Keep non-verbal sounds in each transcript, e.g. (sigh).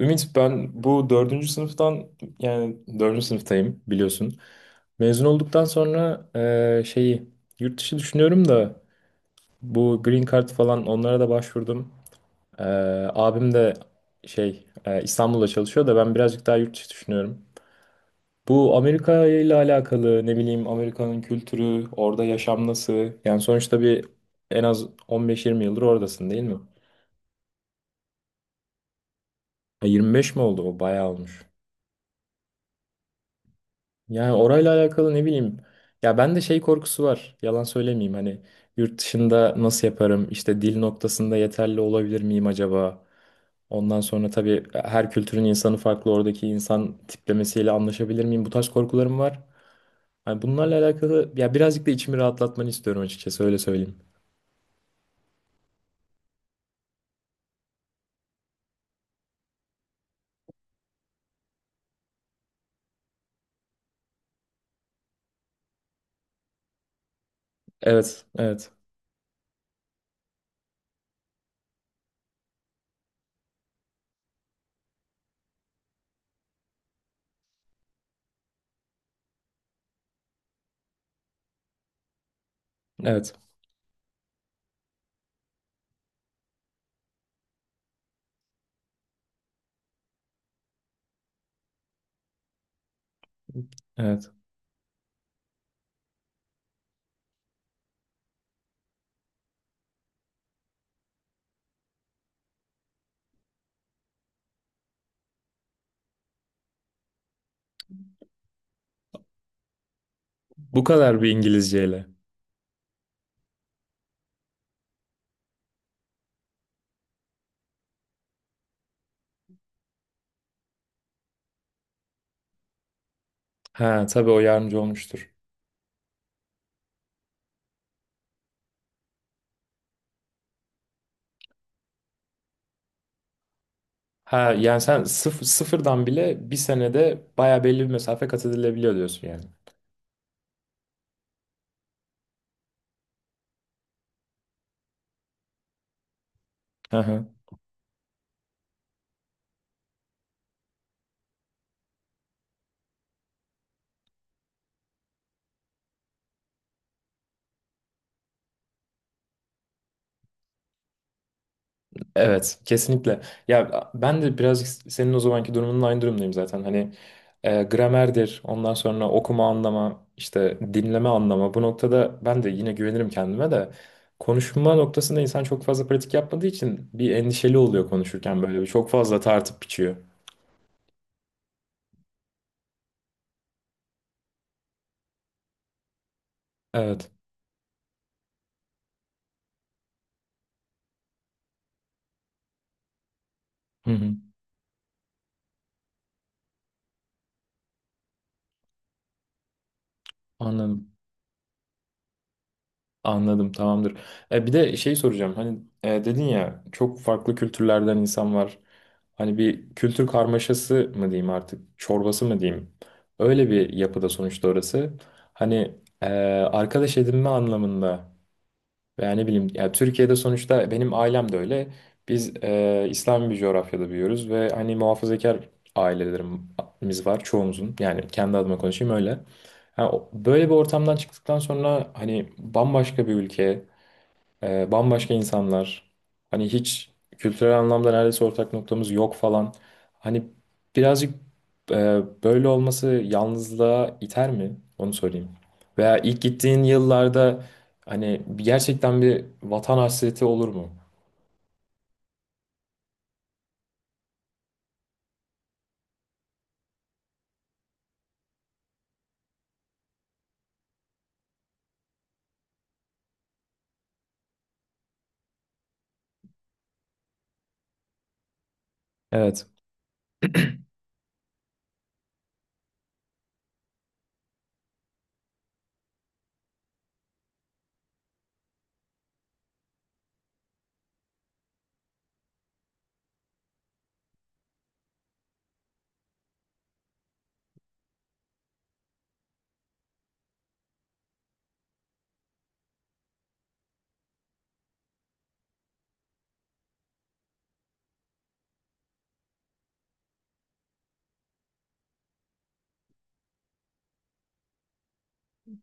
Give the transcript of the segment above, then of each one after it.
Ümit, ben bu dördüncü sınıftan, yani dördüncü sınıftayım, biliyorsun. Mezun olduktan sonra şeyi yurt dışı düşünüyorum da bu Green Card falan onlara da başvurdum. Eee, Abim de şey İstanbul'da çalışıyor da ben birazcık daha yurt dışı düşünüyorum. Bu Amerika ile alakalı, ne bileyim, Amerika'nın kültürü, orada yaşam nasıl? Yani sonuçta bir en az 15-20 yıldır oradasın, değil mi? E, 25 mi oldu? O bayağı olmuş. Yani orayla alakalı ne bileyim. Ya ben de şey korkusu var. Yalan söylemeyeyim, hani yurt dışında nasıl yaparım? İşte dil noktasında yeterli olabilir miyim acaba? Ondan sonra tabii her kültürün insanı farklı. Oradaki insan tiplemesiyle anlaşabilir miyim? Bu tarz korkularım var. Hani bunlarla alakalı ya birazcık da içimi rahatlatmanı istiyorum, açıkçası öyle söyleyeyim. Evet, evet, evet, evet. Bu kadar bir İngilizceyle. Ha, tabii o yardımcı olmuştur. Ha, yani sen sıfırdan bile bir senede baya belli bir mesafe kat edilebiliyor diyorsun yani. Hı hı. Evet, kesinlikle. Ya ben de birazcık senin o zamanki durumunun aynı durumdayım zaten. Hani gramerdir, ondan sonra okuma anlama, işte dinleme anlama. Bu noktada ben de yine güvenirim kendime de. Konuşma noktasında insan çok fazla pratik yapmadığı için bir endişeli oluyor konuşurken böyle. Çok fazla tartıp biçiyor. Evet, hı hı. Anladım. Anladım, tamamdır. E, bir de şey soracağım. Hani dedin ya, çok farklı kültürlerden insan var. Hani bir kültür karmaşası mı diyeyim artık, çorbası mı diyeyim? Öyle bir yapıda sonuçta orası. Hani e, arkadaş edinme anlamında. Veya ne bileyim, ya Türkiye'de sonuçta benim ailem de öyle. Biz İslami bir coğrafyada büyüyoruz ve hani muhafazakar ailelerimiz var çoğumuzun. Yani kendi adıma konuşayım öyle. Ha, böyle bir ortamdan çıktıktan sonra hani bambaşka bir ülke, bambaşka insanlar. Hani hiç kültürel anlamda neredeyse ortak noktamız yok falan. Hani birazcık böyle olması yalnızlığa iter mi? Onu sorayım. Veya ilk gittiğin yıllarda hani gerçekten bir vatan hasreti olur mu? Evet,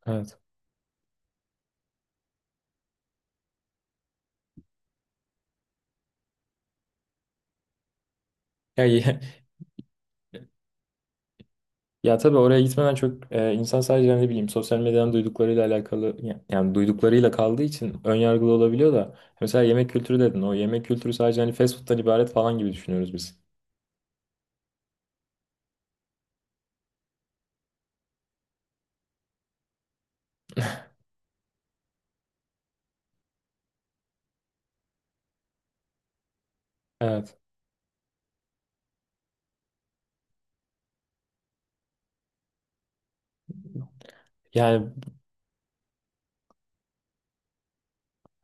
evet. Ya, ya, ya tabii oraya gitmeden çok insan sadece ne bileyim sosyal medyadan duyduklarıyla alakalı yani duyduklarıyla kaldığı için ön yargılı olabiliyor da mesela yemek kültürü dedin, o yemek kültürü sadece hani fast food'dan ibaret falan gibi düşünüyoruz biz. Evet. Yani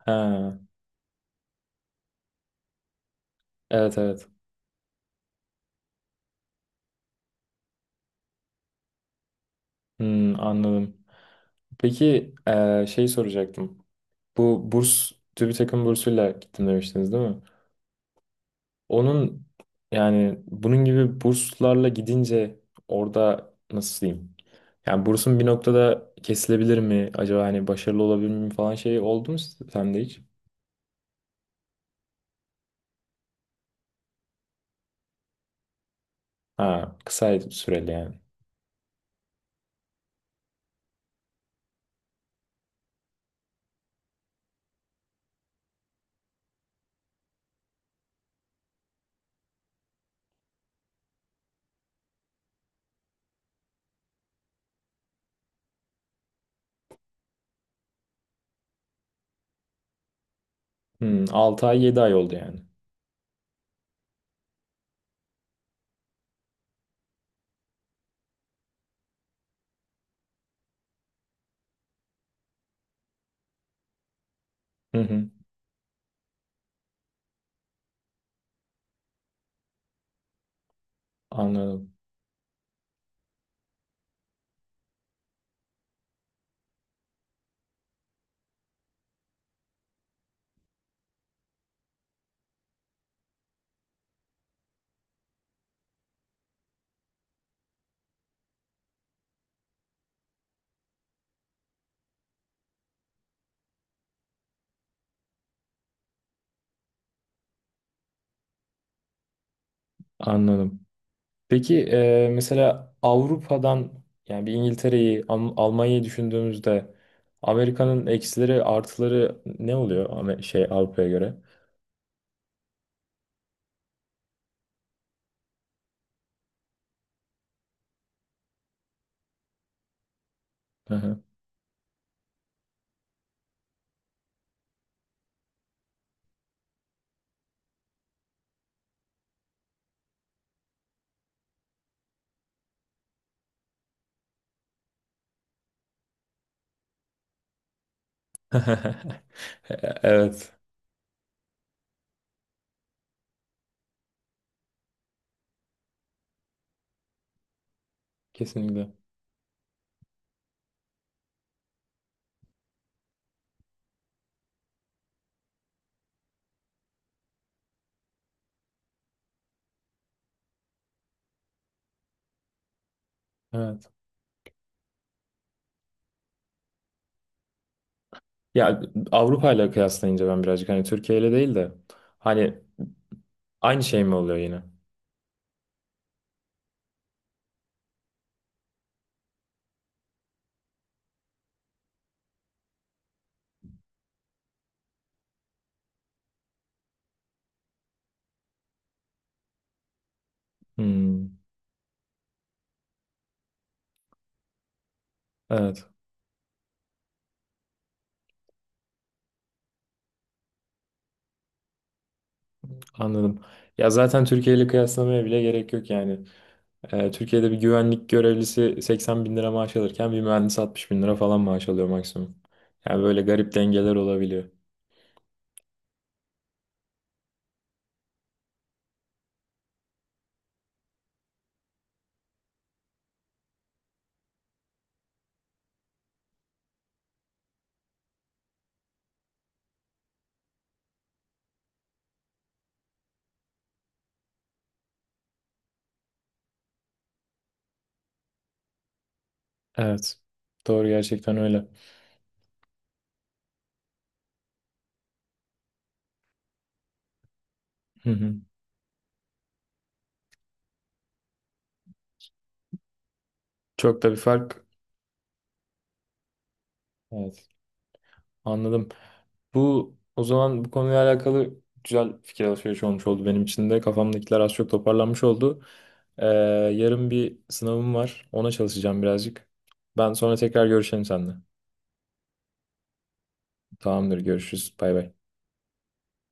ha, evet evet. Hmm, anladım. Peki şey soracaktım. Bu burs TÜBİTAK'ın bursuyla gittim demiştiniz değil mi? Onun, yani bunun gibi burslarla gidince orada nasıl diyeyim? Yani bursun bir noktada kesilebilir mi? Acaba hani başarılı olabilir mi falan, şey oldu mu sende hiç? Ha, kısa süreli yani. Hmm, 6 ay 7 ay oldu yani. Hı hı, anladım. Anladım. Peki mesela Avrupa'dan, yani bir İngiltere'yi, Almanya'yı düşündüğümüzde Amerika'nın eksileri, artıları ne oluyor, şey, Avrupa'ya göre? Hı hı. (laughs) Evet, kesinlikle. Evet. Ya Avrupa ile kıyaslayınca ben birazcık, hani Türkiye ile değil de, hani aynı şey mi oluyor yine? Hmm, evet, anladım. Ya zaten Türkiye ile kıyaslamaya bile gerek yok yani. Türkiye'de bir güvenlik görevlisi 80 bin lira maaş alırken bir mühendis 60 bin lira falan maaş alıyor maksimum. Yani böyle garip dengeler olabiliyor. Evet. Doğru, gerçekten öyle. Hı hı. Çok da bir fark. Evet. Anladım. Bu, o zaman, bu konuyla alakalı güzel fikir alışverişi olmuş oldu benim için de. Kafamdakiler az çok toparlanmış oldu. Ee, Yarın bir sınavım var. Ona çalışacağım birazcık. Ben sonra tekrar görüşelim seninle. Tamamdır, görüşürüz. Bay bay.